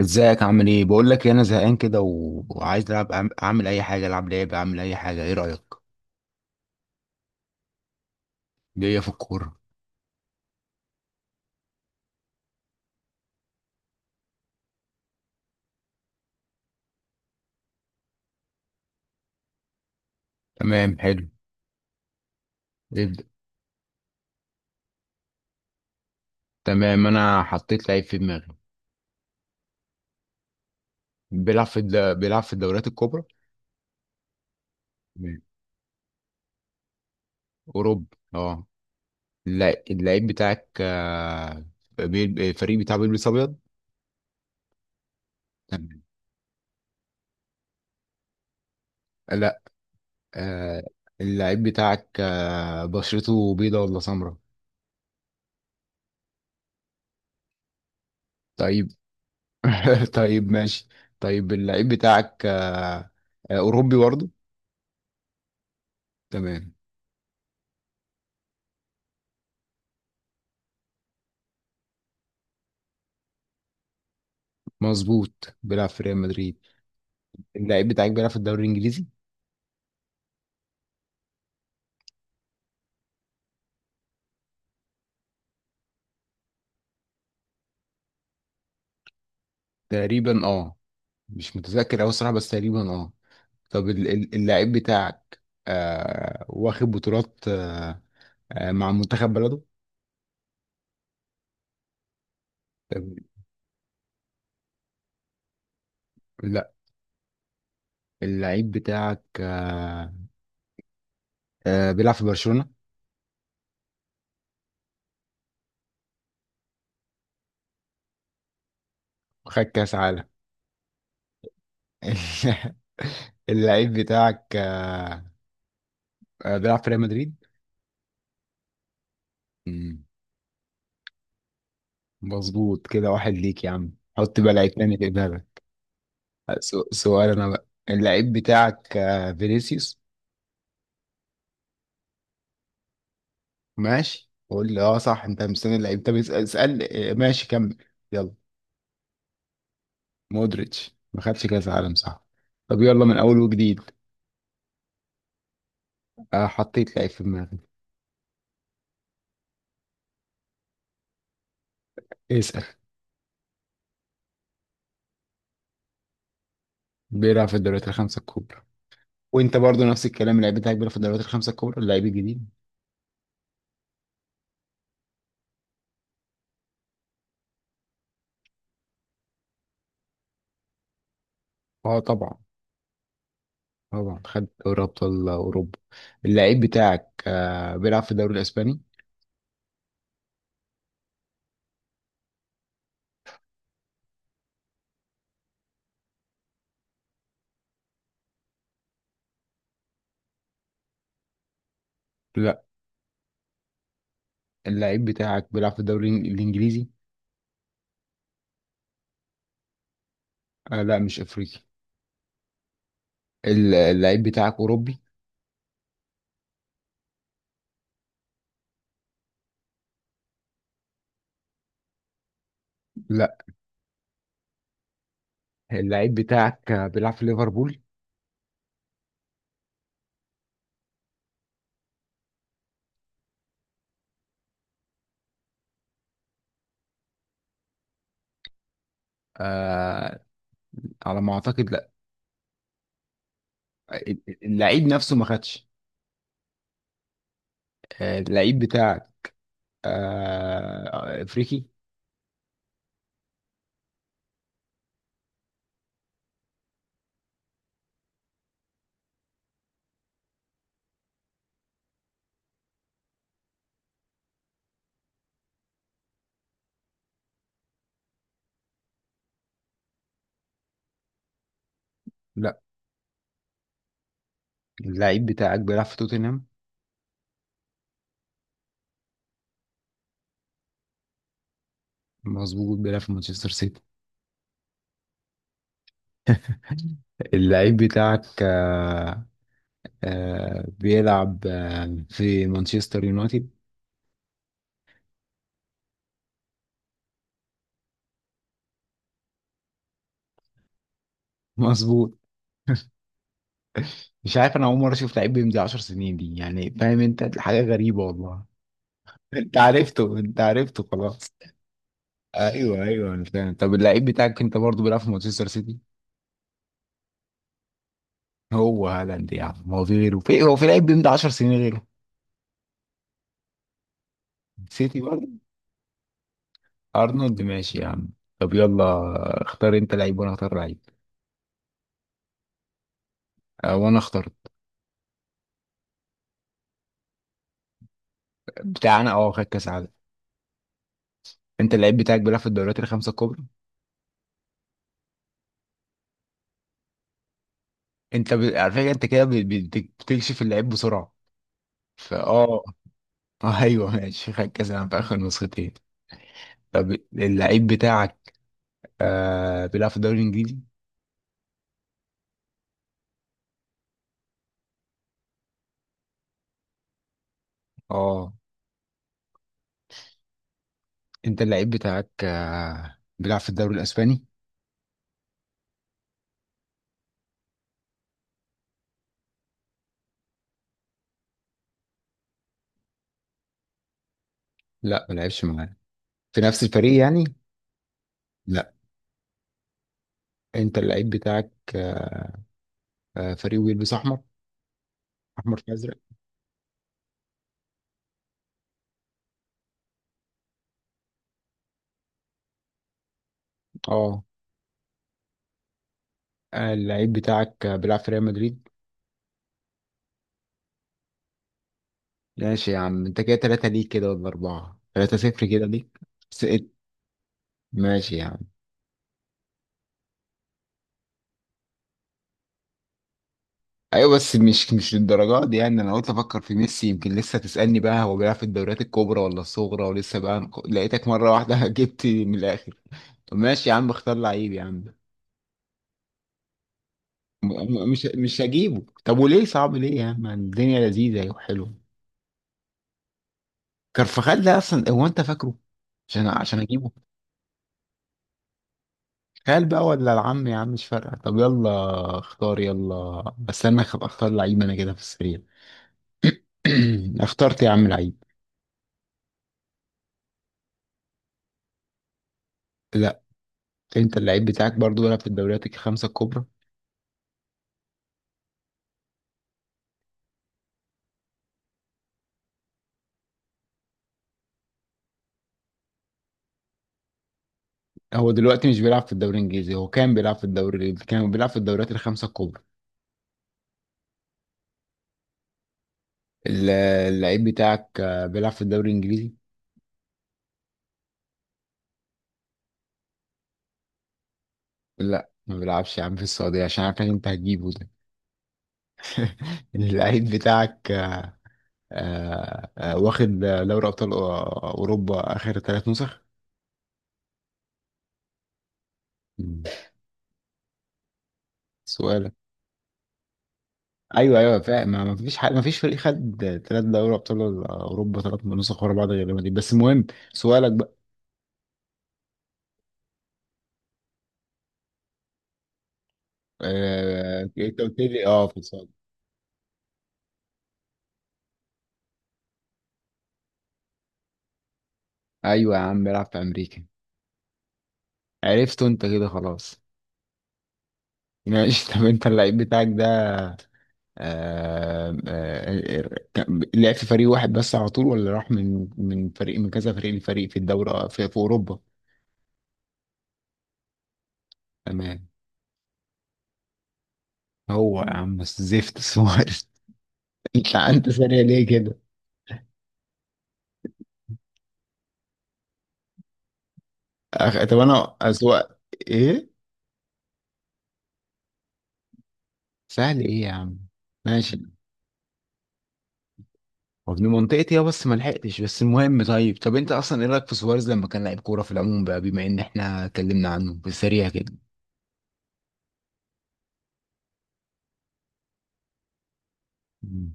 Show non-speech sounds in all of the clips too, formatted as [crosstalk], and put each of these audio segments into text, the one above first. ازيك؟ عامل ايه؟ بقول لك إيه، انا زهقان كده وعايز العب اعمل اي حاجه، العب لعبه، اعمل اي حاجه. ايه رايك؟ جايه في الكوره. تمام حلو. ابدا. تمام انا حطيت لعيب في دماغي. بيلعب في الدوريات الكبرى. تمام. اوروبا. اه. اللعيب بتاعك الفريق بتاعه بيلبس ابيض. تمام. لا. آه، اللعيب بتاعك بشرته بيضة ولا سمراء؟ طيب. [laughs] طيب ماشي. طيب اللعيب بتاعك اوروبي برضه؟ تمام. مظبوط، بيلعب في ريال مدريد. اللعيب بتاعك بيلعب في الدوري الانجليزي؟ تقريبا اه. مش متذكر اوي الصراحه، بس تقريبا اه. طب اللعيب بتاعك واخد بطولات آه مع منتخب بلده؟ طب لا. اللعيب بتاعك بيلعب في برشلونة. وخد كاس عالم. [laughs] اللعيب بتاعك بيلعب في ريال مدريد. مم، مظبوط. كده واحد ليك يا عم. حط بقى لعيب تاني في دماغك. سؤال انا بقى، اللعيب بتاعك فينيسيوس؟ ماشي قول لي. اه صح انت مستني اللعيب. طب اسال، اسال. ماشي كمل. يلا. مودريتش ما خدش كاس عالم صح؟ طب يلا من اول وجديد. حطيت لعيب في دماغي. اسال. بيلعب في الدوريات الخمسه الكبرى. وانت برضو نفس الكلام، اللعيب بتاعك بيلعب في الدوريات الخمسه الكبرى، اللعيب الجديد؟ اه طبعا. طبعا خد دوري ابطال اوروبا. اللعيب بتاعك بيلعب في الدوري الاسباني؟ لا. اللعيب بتاعك بيلعب في الدوري الانجليزي. آه لا مش افريقي. اللعيب بتاعك أوروبي؟ لا. اللعيب بتاعك بيلعب في ليفربول؟ آه، على ما أعتقد لا. اللعيب نفسه ما خدش. اللعيب بتاعك آه أفريقي؟ لا. اللعيب بتاعك بيلعب في توتنهام؟ مظبوط بيلعب في مانشستر سيتي. اللعيب بتاعك بيلعب آه في مانشستر يونايتد؟ [laughs] مظبوط. مش عارف انا، اول مره اشوف لعيب بيمضي 10 سنين دي، يعني فاهم انت، حاجه غريبه والله. [laughs] انت عرفته، انت عرفته خلاص. ايوه ايوه انا فاهم. طب اللعيب بتاعك انت برضه بيلعب في مانشستر سيتي؟ هو هالاند يا عم؟ هو في غيره؟ هو في لعيب بيمضي 10 سنين غيره؟ سيتي برضه. ارنولد ماشي يا عم. طب يلا، اختار انت لعيب وانا اختار لعيب. وانا اخترت. بتاعنا اه خد كاس عالم. انت اللعيب بتاعك بيلعب في الدوريات الخمسه الكبرى. على فكره انت كده بتكشف اللعيب بسرعه. فاه اه. [laughs] ايوه ماشي، خد كاس عالم في اخر نسختين. طب اللعيب بتاعك بيلعب في الدوري الانجليزي؟ اه. انت اللعيب بتاعك بيلعب في الدوري الاسباني؟ لا ما لعبش معانا في نفس الفريق يعني. لا. انت اللعيب بتاعك فريق بيلبس احمر؟ احمر في ازرق. اه. اللعيب بتاعك بيلعب في ريال مدريد. ماشي يا عم، انت كده تلاتة ليك، كده ولا اربعة؟ تلاتة صفر كده ليك. سقط. ماشي يا عم. ايوه بس مش مش للدرجات دي يعني، انا قلت افكر في ميسي يمكن لسه تسألني بقى هو بيلعب في الدوريات الكبرى ولا الصغرى، ولسه بقى لقيتك مرة واحدة [laughs] جبت من الاخر. طب ماشي يا عم، اختار لعيب يا عم. م- مش مش هجيبه. طب وليه صعب ليه يا عم؟ الدنيا لذيذه وحلوه. كرفخال ده اصلا هو انت فاكره عشان عشان اجيبه؟ خال بقى ولا العم يا عم، مش فارقه. طب يلا اختار يلا. استنى اختار لعيب انا كده في السريع. [clears throat] اخترت يا عم لعيب. لا. انت اللعيب بتاعك برضو بيلعب في الدوريات الخمسه الكبرى. هو دلوقتي مش بيلعب في الدوري الانجليزي، هو كان بيلعب في الدوري، كان بيلعب في الدوريات الخمسه الكبرى. ال- اللعيب بتاعك بيلعب في الدوري الانجليزي. لا ما بيلعبش يا عم في السعوديه، عشان عارف إن انت هتجيبه ده. إن اللعيب بتاعك واخد دوري ابطال اوروبا اخر ثلاث نسخ. مم. سؤالك. ايوه ايوه فاهم، ما ما فيش حد، ما فيش فريق خد ثلاث دوري ابطال اوروبا ثلاث نسخ ورا بعض غير دي، بس المهم سؤالك بقى. انت قلت لي اه في الصالة. ايوه يا عم بيلعب في امريكا. عرفته انت كده خلاص. ماشي. [laughs] طب انت اللعيب بتاعك ده لعب في فريق واحد بس على طول، ولا راح من فريق من كذا فريق لفريق في الدوري في, في اوروبا؟ تمام. هو يا عم بس زفت سؤال. [laughs] انت انت سريع ليه كده؟ طب انا اسوق ايه؟ سهل ايه يا عم؟ ماشي. وابن منطقتي اه، بس ما لحقتش. بس المهم طيب، طب انت اصلا ايه رايك في سواريز لما كان لعيب كوره في العموم بقى، بما ان احنا اتكلمنا عنه بسريع كده؟ مم.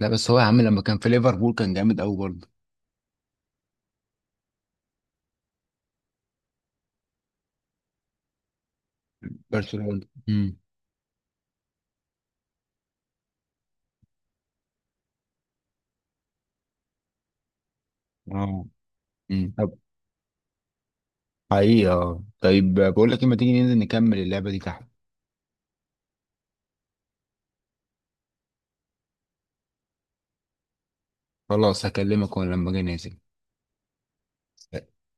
لا بس هو يا عم لما كان في ليفربول كان جامد قوي برضه. برشلونة. اه. طب. حقيقي اه. طيب بقول لك ايه، ما تيجي ننزل نكمل اللعبه دي تحت؟ خلاص هكلمك وانا لما اجي نازل.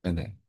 سلام.